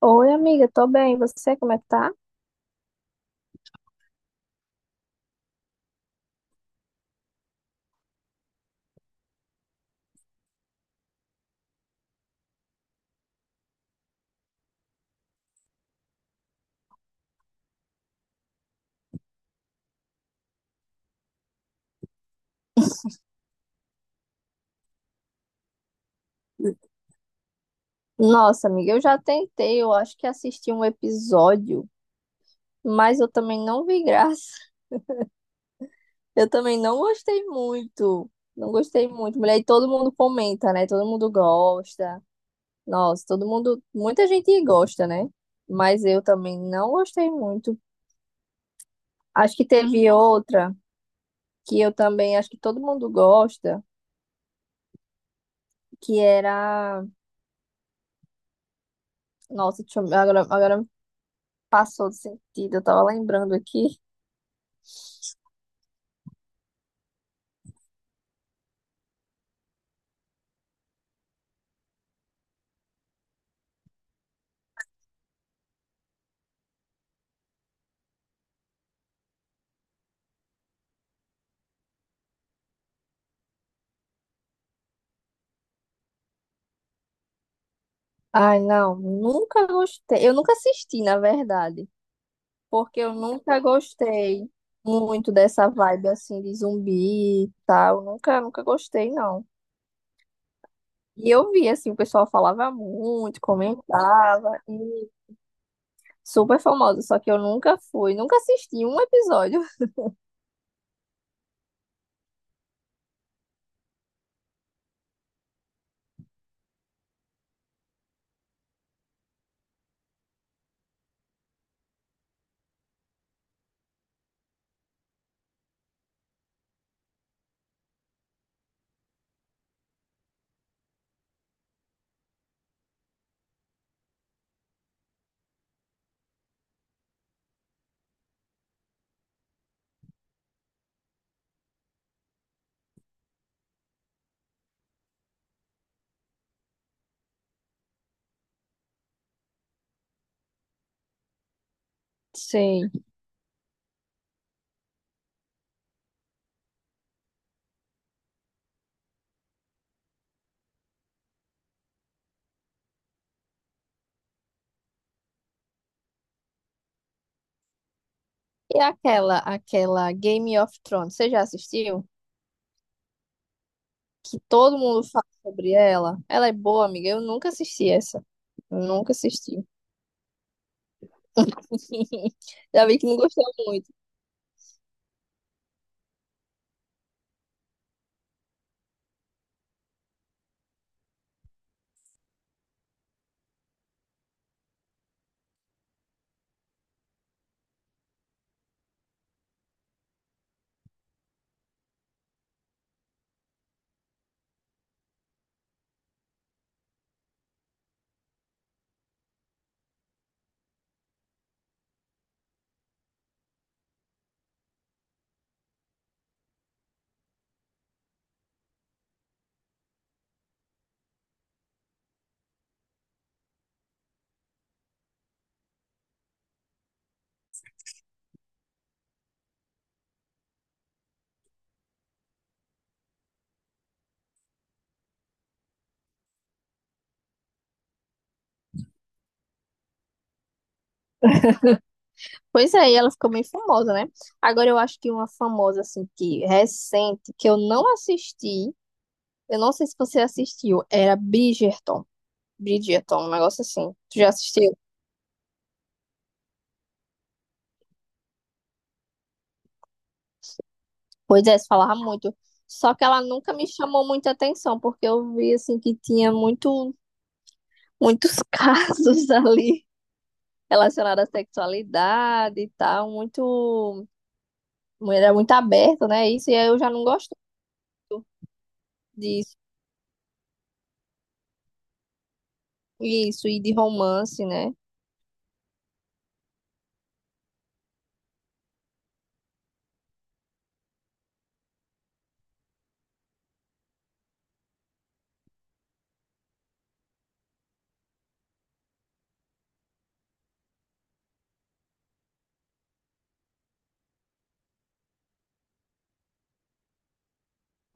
Oi, amiga, tô bem. E você, como é que tá? Nossa, amiga, eu já tentei, eu acho que assisti um episódio, mas eu também não vi graça. Eu também não gostei muito. Não gostei muito. Mulher, e todo mundo comenta, né? Todo mundo gosta. Nossa, todo mundo. Muita gente gosta, né? Mas eu também não gostei muito. Acho que teve outra que eu também acho que todo mundo gosta, que era. Nossa, deixa eu... agora passou do sentido. Eu tava lembrando aqui. Ai, não, nunca gostei. Eu nunca assisti, na verdade. Porque eu nunca gostei muito dessa vibe assim de zumbi e tal. Nunca, nunca gostei, não. E eu vi, assim, o pessoal falava muito, comentava, e super famosa, só que eu nunca fui, nunca assisti um episódio. Sim. E aquela Game of Thrones, você já assistiu? Que todo mundo fala sobre ela. Ela é boa, amiga. Eu nunca assisti essa. Eu nunca assisti. Já vi que não gostou muito. Pois é, e ela ficou meio famosa, né? Agora eu acho que uma famosa, assim, que recente, que eu não assisti, eu não sei se você assistiu, era Bridgerton. Bridgerton, um negócio assim. Tu já assistiu? Pois é, se falava muito. Só que ela nunca me chamou muita atenção, porque eu vi, assim, que tinha muito, muitos casos ali relacionados à sexualidade e tal, muito, era muito aberto, né? Isso, e aí eu já não gosto disso, isso, e de romance, né?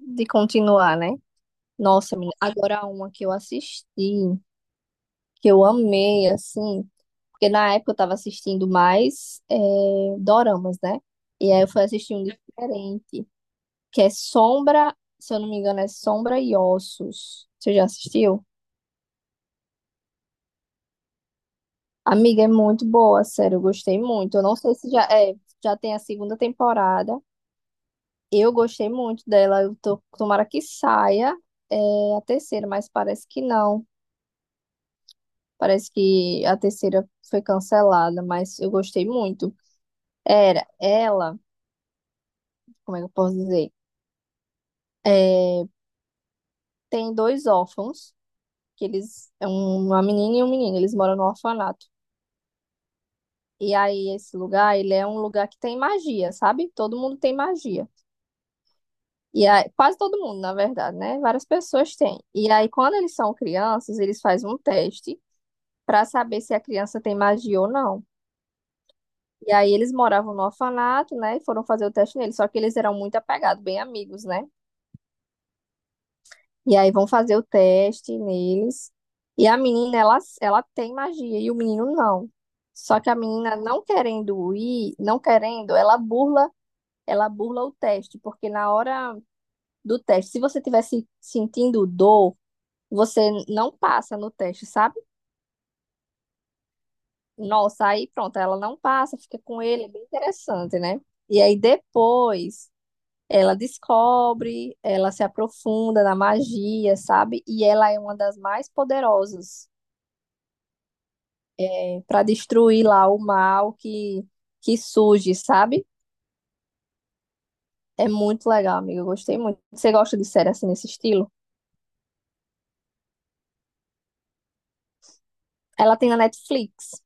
De continuar, né? Nossa, menina, agora uma que eu assisti, que eu amei, assim, porque na época eu tava assistindo mais doramas, né? E aí eu fui assistir um diferente, que é Sombra, se eu não me engano, é Sombra e Ossos. Você já assistiu? Amiga, é muito boa, sério, eu gostei muito. Eu não sei se já é, já tem a segunda temporada. Eu gostei muito dela, eu tô, tomara que saia a terceira, mas parece que não. Parece que a terceira foi cancelada, mas eu gostei muito. Era ela, como é que eu posso dizer? É, tem dois órfãos, que eles, uma menina e um menino, eles moram no orfanato. E aí esse lugar, ele é um lugar que tem magia, sabe? Todo mundo tem magia. E aí, quase todo mundo, na verdade, né? Várias pessoas têm. E aí quando eles são crianças, eles fazem um teste para saber se a criança tem magia ou não. E aí eles moravam no orfanato, né? E foram fazer o teste neles. Só que eles eram muito apegados, bem amigos, né? E aí vão fazer o teste neles. E a menina, ela tem magia e o menino não. Só que a menina não querendo ir, não querendo, ela burla o teste, porque na hora do teste, se você tivesse sentindo dor, você não passa no teste, sabe? Nossa, aí pronto, ela não passa, fica com ele, é bem interessante, né? E aí depois ela descobre, ela se aprofunda na magia, sabe? E ela é uma das mais poderosas para destruir lá o mal que surge, sabe? É muito legal, amiga. Eu gostei muito. Você gosta de série assim nesse estilo? Ela tem na Netflix.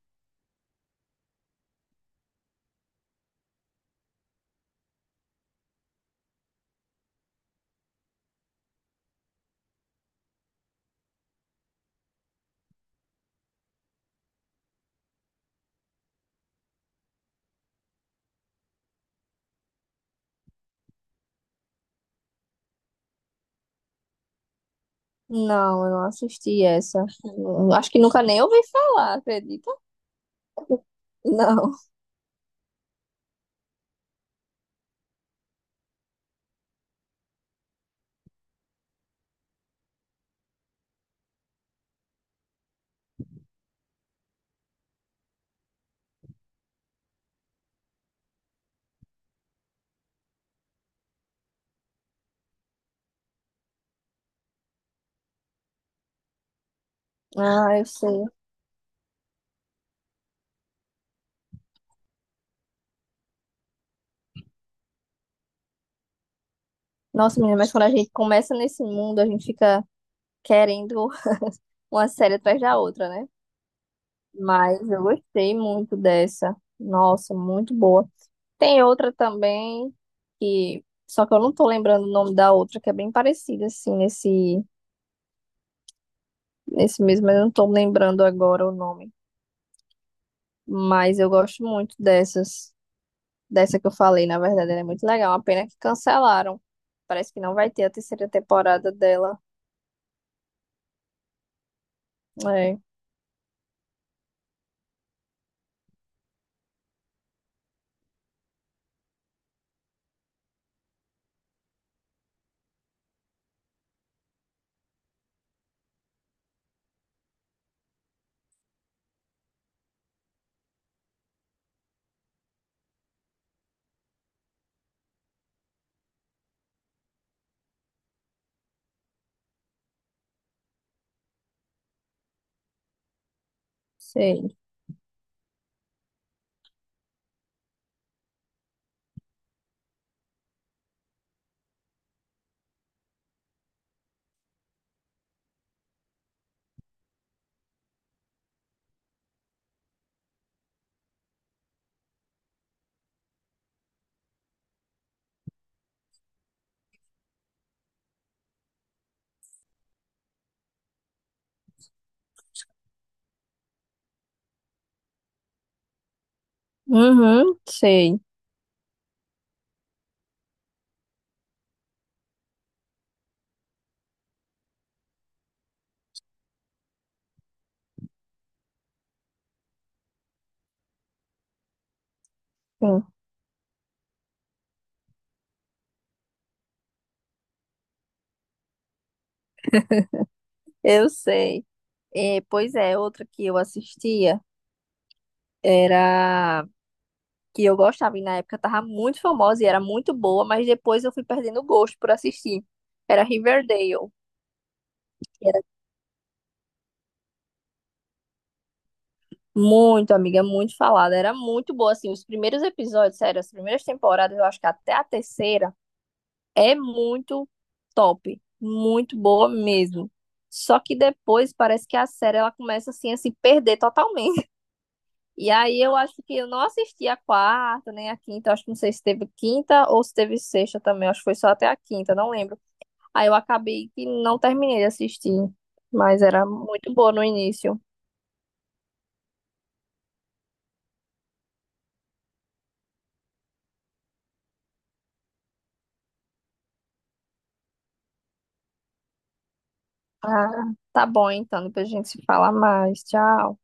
Não, eu não assisti essa. Eu acho que nunca nem ouvi falar, acredita? Não. Ah, eu sei. Nossa, menina, mas quando a gente começa nesse mundo, a gente fica querendo uma série atrás da outra, né? Mas eu gostei muito dessa. Nossa, muito boa. Tem outra também que só que eu não tô lembrando o nome da outra que é bem parecida assim nesse nesse mesmo, mas eu não tô lembrando agora o nome. Mas eu gosto muito dessas, dessa que eu falei, na verdade, ela é muito legal. Uma pena que cancelaram. Parece que não vai ter a terceira temporada dela. É, sei. Uhum, sei. Hum. Eu sei. É, pois é, outra que eu assistia era que eu gostava e na época tava muito famosa e era muito boa, mas depois eu fui perdendo o gosto por assistir. Era Riverdale, que era muito, amiga, muito falada, era muito boa assim, os primeiros episódios, sério, as primeiras temporadas, eu acho que até a terceira é muito top, muito boa mesmo. Só que depois parece que a série ela começa assim a se perder totalmente. E aí eu acho que eu não assisti a quarta, nem a quinta, eu acho que não sei se teve quinta ou se teve sexta também, eu acho que foi só até a quinta, não lembro. Aí eu acabei que não terminei de assistir, mas era muito boa no início. Ah, tá bom então, depois a gente se fala mais. Tchau.